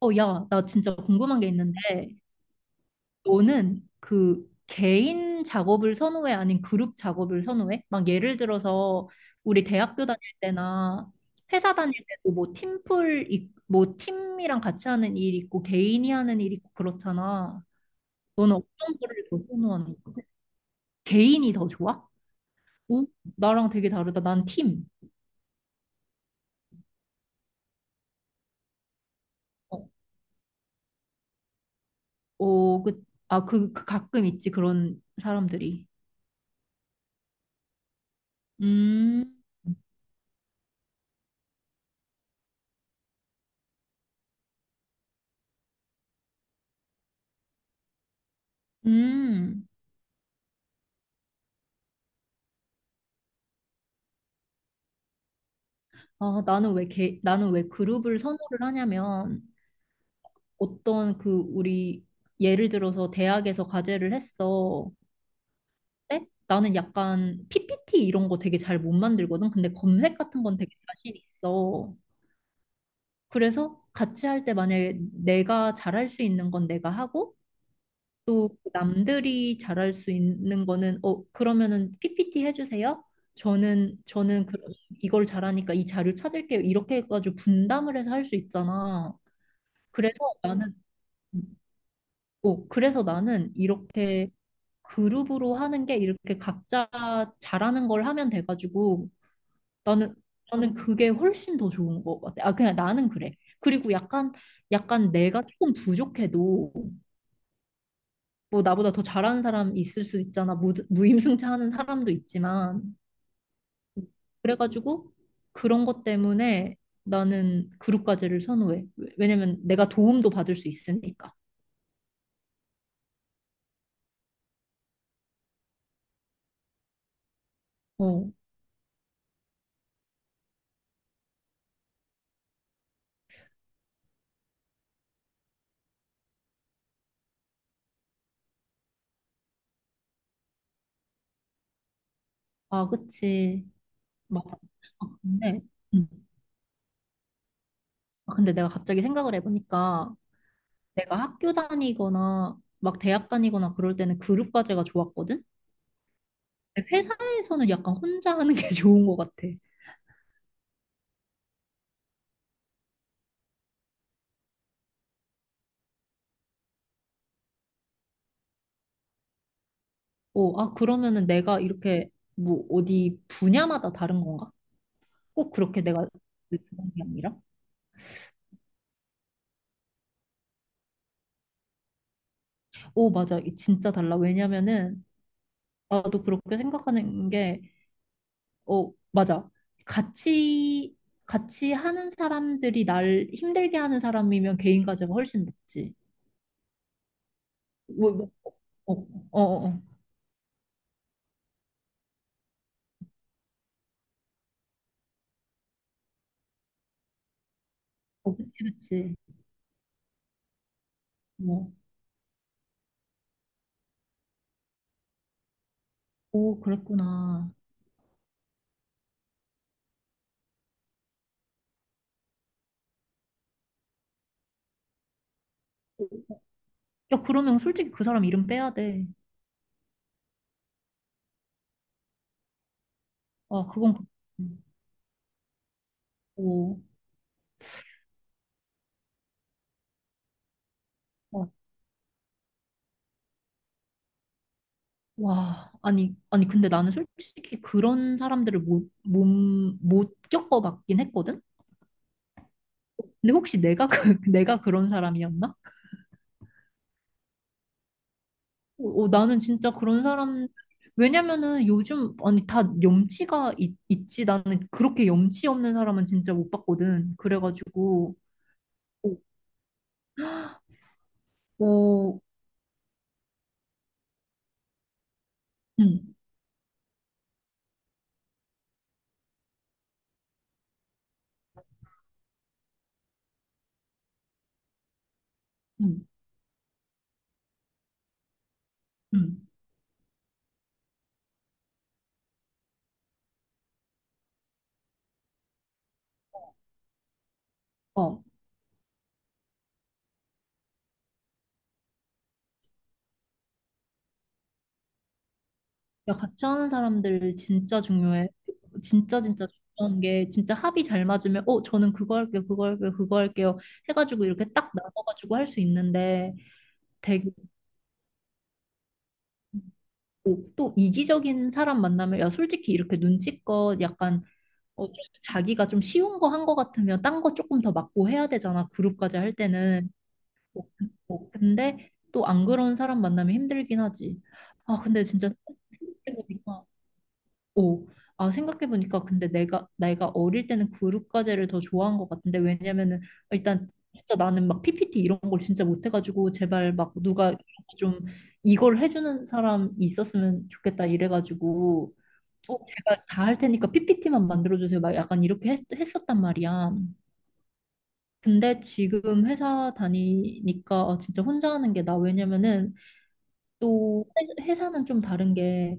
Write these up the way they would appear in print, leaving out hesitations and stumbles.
야, 나 진짜 궁금한 게 있는데, 너는 그 개인 작업을 선호해? 아니면 그룹 작업을 선호해? 막 예를 들어서 우리 대학교 다닐 때나 회사 다닐 때도 뭐 팀플, 뭐 팀이랑 같이 하는 일 있고 개인이 하는 일 있고 그렇잖아. 너는 어떤 거를 더 선호하는 거야? 개인이 더 좋아? 오, 나랑 되게 다르다. 난 팀. 어, 그 가끔 있지, 그런 사람들이. 음, 음. 나는 왜 그룹을 선호를 하냐면 어떤 그 우리 예를 들어서 대학에서 과제를 했어. 근데 나는 약간 PPT 이런 거 되게 잘 못 만들거든. 근데 검색 같은 건 되게 자신 있어. 그래서 같이 할 때 만약에 내가 잘할 수 있는 건 내가 하고 또 그 남들이 잘할 수 있는 거는 어 그러면은 PPT 해주세요. 저는 그, 이걸 잘하니까 이 자료 찾을게요. 이렇게 해가지고 분담을 해서 할 수 있잖아. 그래서 나는, 그래서 나는 이렇게 그룹으로 하는 게 이렇게 각자 잘하는 걸 하면 돼가지고 나는, 나는 그게 훨씬 더 좋은 것 같아. 아, 그냥 나는 그래. 그리고 약간, 약간 내가 조금 부족해도 뭐 나보다 더 잘하는 사람 있을 수 있잖아. 무임승차 하는 사람도 있지만. 그래가지고 그런 것 때문에 나는 그룹 까지를 선호해. 왜냐면 내가 도움도 받을 수 있으니까. 어. 아, 그치. 막, 아, 근데, 음. 아, 근데 내가 갑자기 생각을 해보니까 내가 학교 다니거나 막 대학 다니거나 그럴 때는 그룹 과제가 좋았거든? 근데 회사에서는 약간 혼자 하는 게 좋은 것 같아. 어, 아, 그러면은 내가 이렇게 뭐 어디 분야마다 다른 건가? 꼭 그렇게 내가 그런 게 아니라? 오, 맞아. 이 진짜 달라. 왜냐면은 나도 그렇게 생각하는 게 어, 맞아. 같이, 같이 하는 사람들이 날 힘들게 하는 사람이면 개인 가제가 훨씬 낫지. 뭐, 뭐, 어, 어, 어, 어, 그치, 그치. 뭐, 오, 그랬구나. 야, 그러면 솔직히 그 사람 이름 빼야 돼. 아, 그건, 그- 음, 오, 어, 와, 아니, 아니, 근데 나는 솔직히 그런 사람들을 못 겪어봤긴 했거든? 근데 혹시 내가, 그, 내가 그런 사람이었나? 나는 진짜 그런 사람, 왜냐면은 요즘, 아니, 다 염치가 있지. 나는 그렇게 염치 없는 사람은 진짜 못 봤거든. 그래가지고, 어, 어, 응, 응, 응. 어. 야, 같이 하는 사람들 진짜 중요해. 진짜 중요한 게, 진짜 합이 잘 맞으면, 어, 저는 그거 할게요, 그거 할게요, 그거 할게요. 해가지고 이렇게 딱 나눠가지고 할 수 있는데, 되게, 또, 또 이기적인 사람 만나면, 야, 솔직히 이렇게 눈치껏 약간 좀 자기가 좀 쉬운 거 한 거 같으면 딴 거 조금 더 맞고 해야 되잖아. 그룹까지 할 때는. 어, 어, 근데 또 안 그런 사람 만나면 힘들긴 하지. 아, 근데 진짜 생각해보니까, 오, 아, 생각해보니까 근데 내가 어릴 때는 그룹 과제를 더 좋아한 것 같은데, 왜냐면은 일단 진짜 나는 막 PPT 이런 걸 진짜 못해가지고, 제발 막 누가 좀 이걸 해주는 사람이 있었으면 좋겠다 이래가지고, 어, 제가 다 할 테니까 PPT만 만들어주세요. 막 약간 이렇게 했었단 말이야. 근데 지금 회사 다니니까 아, 진짜 혼자 하는 게 나 왜냐면은 또 회사는 좀 다른 게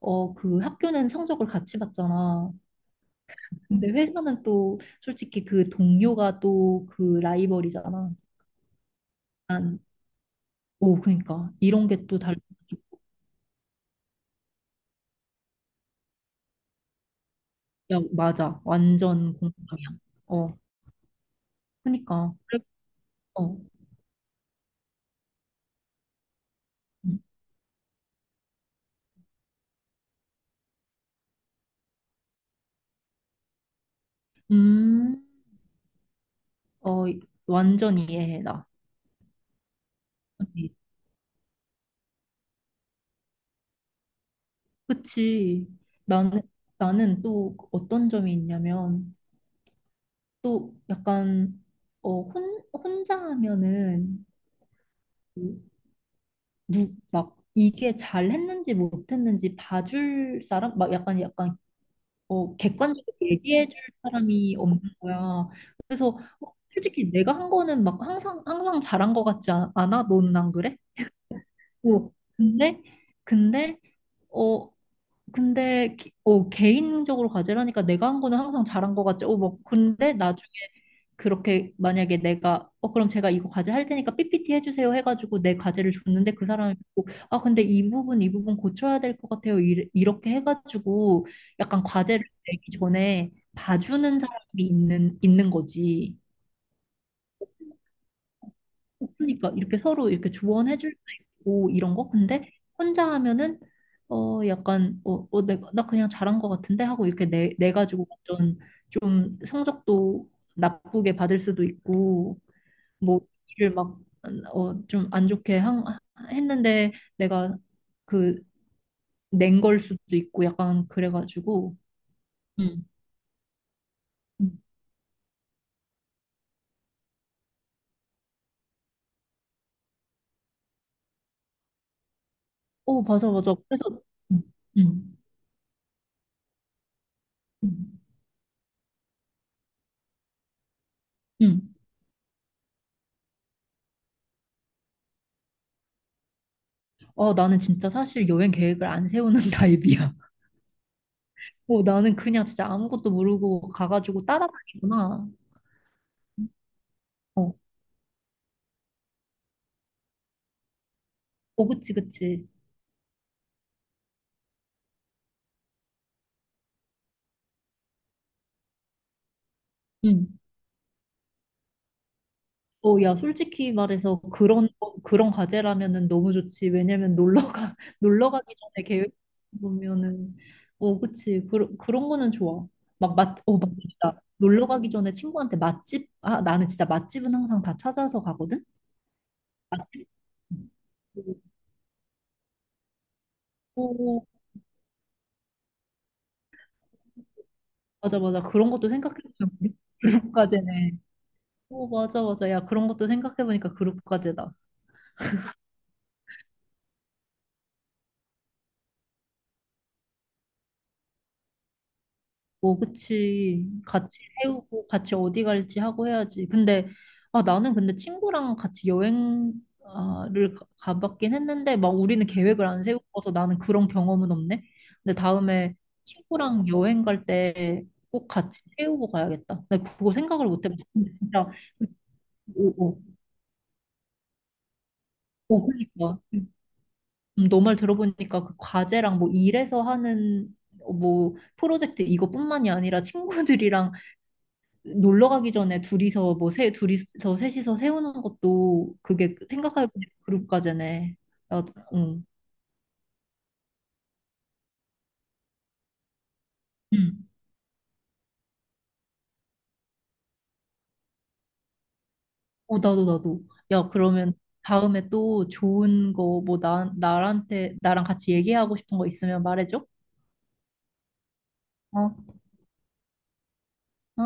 어, 그 학교는 성적을 같이 봤잖아. 근데 회사는 또 솔직히 그 동료가 또 그 라이벌이잖아. 난, 오, 그러니까 이런 게 또 달, 야, 맞아. 완전 공감이야. 어, 그러니까. 어. 음, 음, 어, 완전 이해해, 나. 네. 그치. 나는, 나는 또 어떤 점이 있냐면, 또 약간, 어, 혼자 하면은, 그 이게 잘 했는지 못했는지 봐줄 사람? 막 약간, 약간, 어, 객관적으로 얘기해줄 사람이 없는 거야. 그래서, 어, 솔직히 내가 한 거는 막 항상, 항상 잘한 거 같지 않아? 너는 안 그래? 어. 근데, 근데, 어, 근데 개인적으로 가지라니까 내가 한 거는 항상 잘한 것 같지. 어, 뭐 근데 나중에 그렇게 만약에 내가 어 그럼 제가 이거 과제 할 테니까 PPT 해주세요 해가지고 내 과제를 줬는데 그 사람이 보고 아 근데 이 부분 이 부분 고쳐야 될 것 같아요. 이렇게 해가지고 약간 과제를 내기 전에 봐주는 사람이 있는 거지. 그러니까 이렇게 서로 이렇게 조언해 줄 수 있고 이런 거 근데 혼자 하면은 어 약간 내가 나 그냥 잘한 것 같은데 하고 이렇게 내 가지고 완전 좀 성적도 나쁘게 받을 수도 있고 뭐 일을 막어좀 안 좋게 했는데 내가 그 낸 걸 수도 있고 약간 그래가지고 음. 음. 어 맞아 맞아 그래서 음. 음. 음. 음. 어, 나는 진짜 사실 여행 계획을 안 세우는 타입이야. 어, 나는 그냥 진짜 아무것도 모르고 가가지고 따라다니구나. 어, 어, 그치, 그치. 응. 어, 야, 솔직히 말해서 그런 과제라면은 너무 좋지. 왜냐면 놀러 가기 전에 계획 보면은, 어, 그치. 그런 거는 좋아. 맞다 놀러 가기 전에 아, 나는 진짜 맛집은 항상 다 찾아서 가거든? 맛집? 오, 맞아, 맞아. 그런 것도 생각해보면 그런 과제네. 오, 맞아, 맞아. 야, 그런 것도 생각해보니까 그룹까지다. 뭐, 그치. 같이 세우고, 같이 어디 갈지 하고 해야지. 근데, 아, 나는 근데 친구랑 같이 여행을 가봤긴 했는데, 막 우리는 계획을 안 세우고서 나는 그런 경험은 없네. 근데 다음에 친구랑 여행 갈 때 꼭 같이 세우고 가야겠다. 근데 그거 생각을 못 해봤어. 근데 진짜, 오, 오, 오, 그니까. 너말 들어보니까 그 과제랑 뭐 일에서 하는 뭐 프로젝트 이거뿐만이 아니라 친구들이랑 놀러 가기 전에 둘이서 둘이서 셋이서 세우는 것도 그게 생각해보니 그룹 과제네. 야, 응. 응. 어, 나도 나도. 야, 그러면 다음에 또 좋은 거 뭐 나한테 나랑 같이 얘기하고 싶은 거 있으면 말해줘. 어? 어?